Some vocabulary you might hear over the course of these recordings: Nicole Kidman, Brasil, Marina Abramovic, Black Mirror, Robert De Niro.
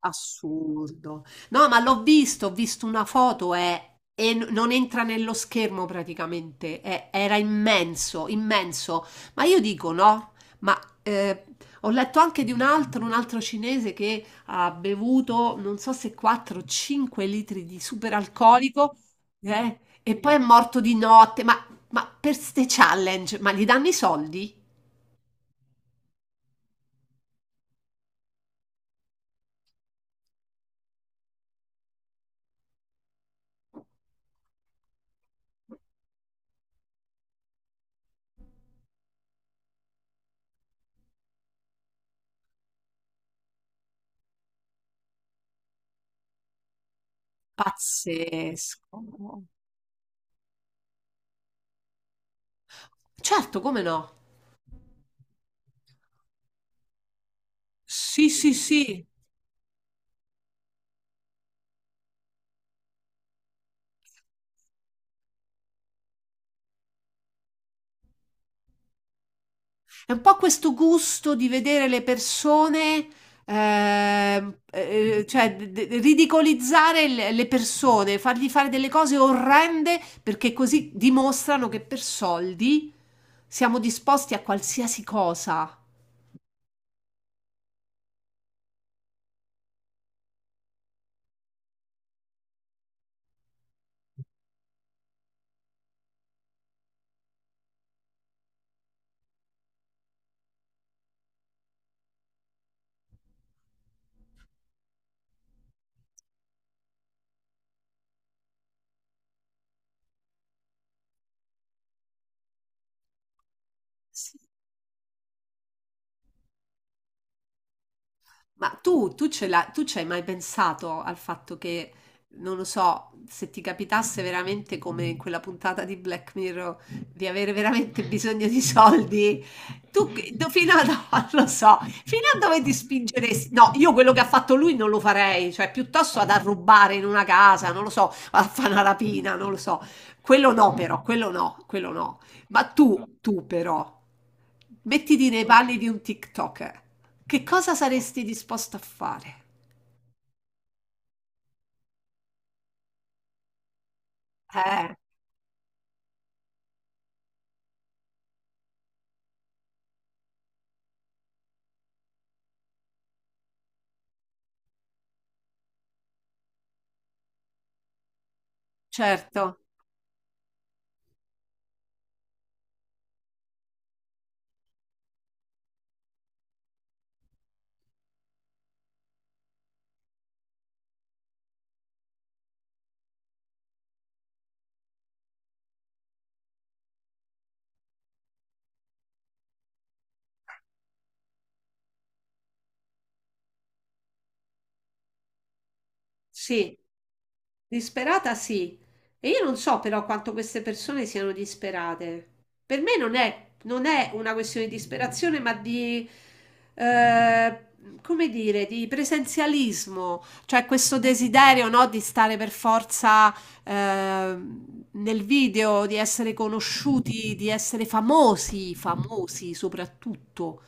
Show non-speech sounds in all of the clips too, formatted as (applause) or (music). Assurdo. No, ma l'ho visto, ho visto una foto, e non entra nello schermo praticamente. Era immenso, immenso. Ma io dico no, ma eh, ho letto anche di un altro cinese che ha bevuto non so se 4 o 5 litri di superalcolico, e poi è morto di notte. Ma per ste challenge, ma gli danno i soldi? Pazzesco. Certo, come no? Sì, sì, sì. È un po' questo gusto di vedere le persone, cioè ridicolizzare le persone, fargli fare delle cose orrende perché così dimostrano che per soldi siamo disposti a qualsiasi cosa. Ma tu ci hai mai pensato al fatto che, non lo so, se ti capitasse veramente come in quella puntata di Black Mirror, di avere veramente bisogno di soldi, fino a, (laughs) non lo so, fino a dove ti spingeresti? No, io quello che ha fatto lui non lo farei, cioè piuttosto ad arrubare in una casa, non lo so, a fare una rapina, non lo so. Quello no però, quello no, quello no. Ma tu però. Mettiti nei panni di un TikToker. Che cosa saresti disposto a fare? Eh, certo. Sì, disperata sì. E io non so però quanto queste persone siano disperate. Per me non è una questione di disperazione, ma di, eh, come dire, di presenzialismo, cioè questo desiderio, no, di stare per forza, eh, nel video, di essere conosciuti, di essere famosi, famosi soprattutto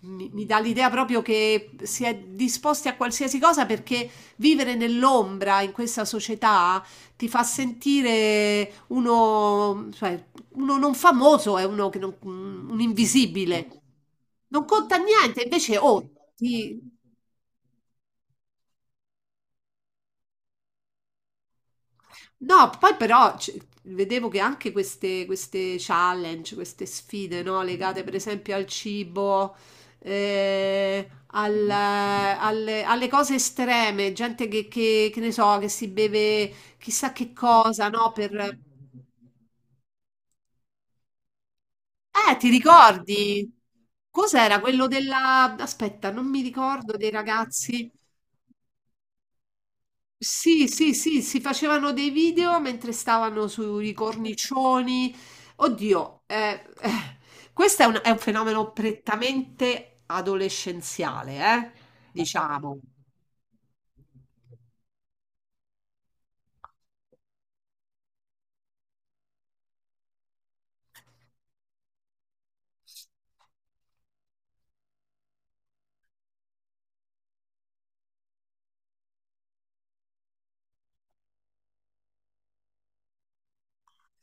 mi dà l'idea proprio che si è disposti a qualsiasi cosa perché vivere nell'ombra in questa società ti fa sentire uno, cioè, uno non famoso, è uno che non- un invisibile. Non conta niente, invece, oh, ti, No, poi però vedevo che anche queste challenge, queste sfide, no, legate per esempio al cibo, alle cose estreme, gente che ne so, che si beve chissà che cosa, no, per... ti ricordi? Cos'era quello della... Aspetta, non mi ricordo dei ragazzi. Sì, sì, sì, si facevano dei video mentre stavano sui cornicioni. Oddio, questo è è un fenomeno prettamente adolescenziale, diciamo.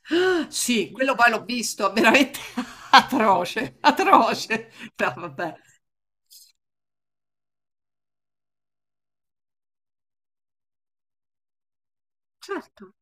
Ah, sì, quello poi l'ho visto, veramente (laughs) atroce, atroce. No, vabbè. Certo.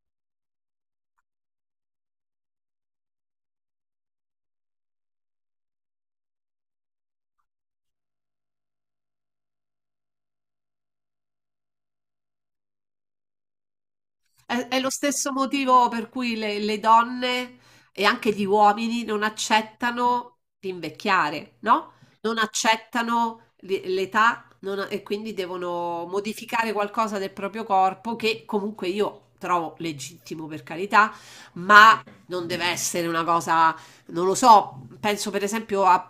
È lo stesso motivo per cui le donne e anche gli uomini non accettano di invecchiare, no? Non accettano l'età non- e quindi devono modificare qualcosa del proprio corpo che comunque io trovo legittimo per carità, ma non deve essere una cosa, non lo so, penso per esempio a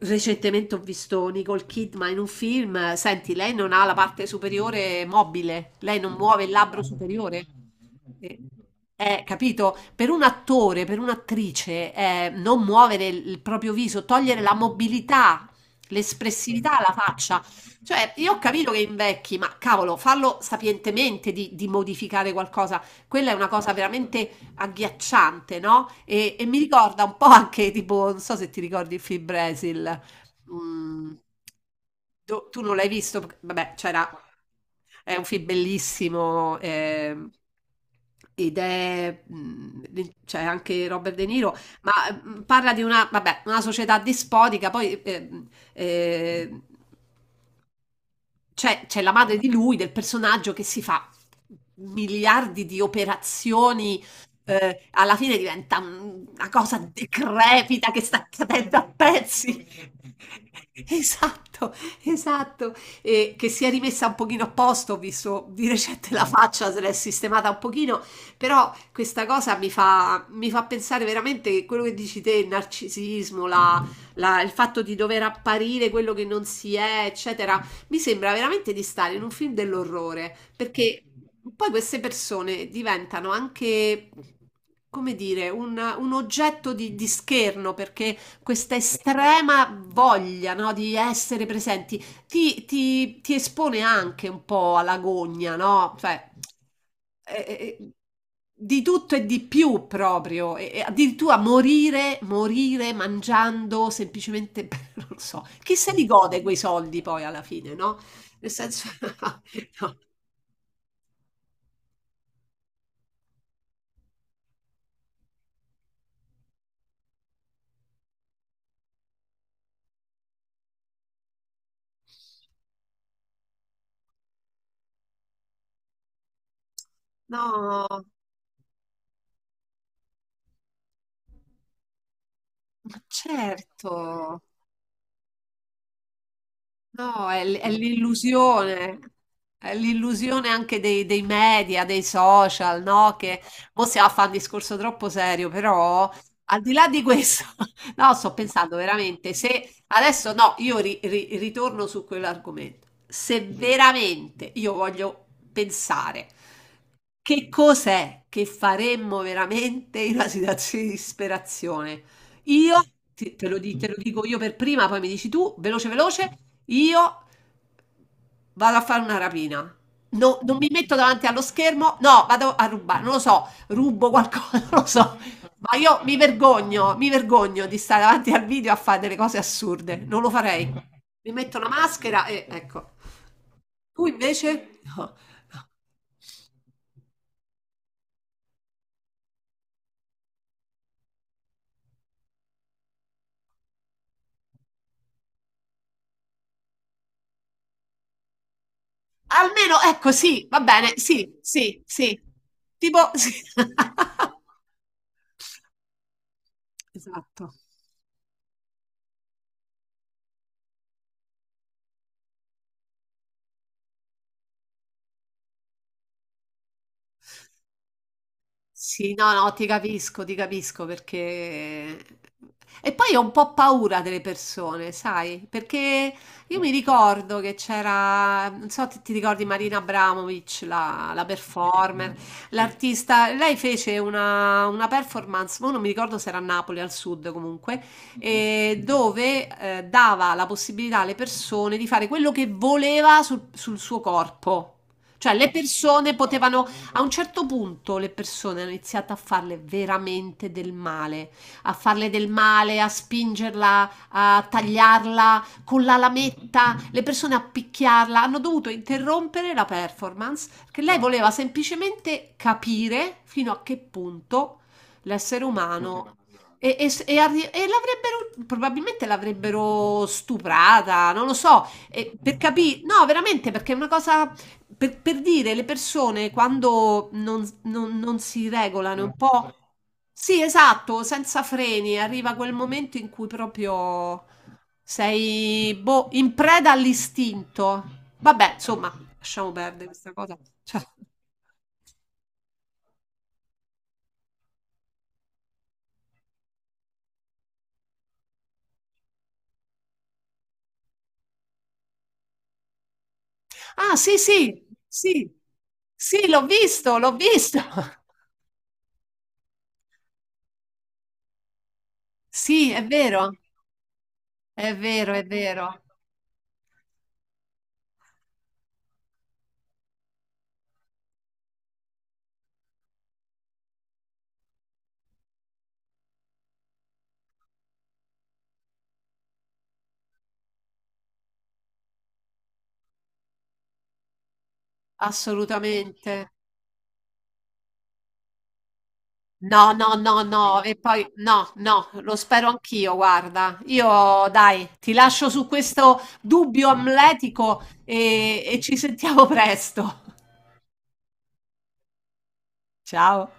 recentemente ho visto Nicole Kidman in un film. Senti, lei non ha la parte superiore mobile, lei non muove il labbro superiore. Eh, Capito? Per un attore, per un'attrice, non muovere il proprio viso, togliere la mobilità, l'espressività alla faccia. Cioè, io ho capito che invecchi, ma cavolo, farlo sapientemente di modificare qualcosa. Quella è una cosa veramente agghiacciante, no? E mi ricorda un po' anche tipo, non so se ti ricordi il film Brasil. mm, Tu non l'hai visto? Vabbè, c'era, è un film bellissimo. Ed è, c'è anche Robert De Niro, ma parla di una, vabbè, una società dispotica, poi eh, cioè, c'è la madre di lui, del personaggio che si fa miliardi di operazioni, alla fine diventa una cosa decrepita che sta cadendo a pezzi. (laughs) Esatto, esatto. E che si è rimessa un pochino a posto, ho visto di recente la faccia, se l'è sistemata un pochino, però questa cosa mi fa pensare veramente che quello che dici te, il narcisismo, il fatto di dover apparire quello che non si è, eccetera, mi sembra veramente di stare in un film dell'orrore, perché poi queste persone diventano anche, come dire, un oggetto di scherno, perché questa estrema voglia, no, di essere presenti ti espone anche un po' all'agonia, no? Cioè, eh, eh, eh, di tutto e di più proprio, e addirittura morire, morire mangiando semplicemente, (laughs) non lo so, chi se li gode quei soldi poi alla fine, no? Nel senso, (laughs) no, no, ma certo. No, è l'illusione anche dei media, dei social, no? Che mo si va a fare un discorso troppo serio, però al di là di questo, (laughs) no, sto pensando veramente, se adesso no, io ritorno su quell'argomento, se veramente io voglio pensare che cos'è che faremmo veramente in una situazione di disperazione, io, te lo dico io per prima, poi mi dici tu, veloce veloce, io vado a fare una rapina. Non mi metto davanti allo schermo, no, vado a rubare, non lo so, rubo qualcosa, (laughs) non lo so. Ma io mi vergogno di stare davanti al video a fare delle cose assurde. Non lo farei. Mi metto una maschera e ecco. Tu invece? No, no. Almeno, ecco, sì, va bene, sì, sì, sì. Tipo, sì. (laughs) Esatto. Sì, no, no, ti capisco perché... E poi ho un po' paura delle persone, sai? Perché io mi ricordo che c'era, non so, ti ricordi Marina Abramovic, la performer, l'artista, lei fece una performance, ma non mi ricordo se era a Napoli, al sud comunque, e dove dava la possibilità alle persone di fare quello che voleva sul sul suo corpo. Cioè, le persone potevano a un certo punto le persone hanno iniziato a farle veramente del male, a farle del male, a spingerla, a tagliarla con la lametta, le persone a picchiarla, hanno dovuto interrompere la performance perché lei voleva semplicemente capire fino a che punto l'essere umano e l'avrebbero probabilmente l'avrebbero stuprata, non lo so, e per capire, no, veramente perché è una cosa per dire, le persone quando non si regolano un No. po'... Sì, esatto, senza freni, arriva quel momento in cui proprio sei, boh, in preda all'istinto. Vabbè, insomma, lasciamo perdere questa cosa. Cioè- Ah, sì, sì, sì, sì, l'ho visto, l'ho visto. (laughs) Sì, è vero, è vero, è vero, assolutamente. No, no, no, no, e poi no, no, lo spero anch'io, guarda. Io, dai, ti lascio su questo dubbio amletico e ci sentiamo presto. (laughs) Ciao.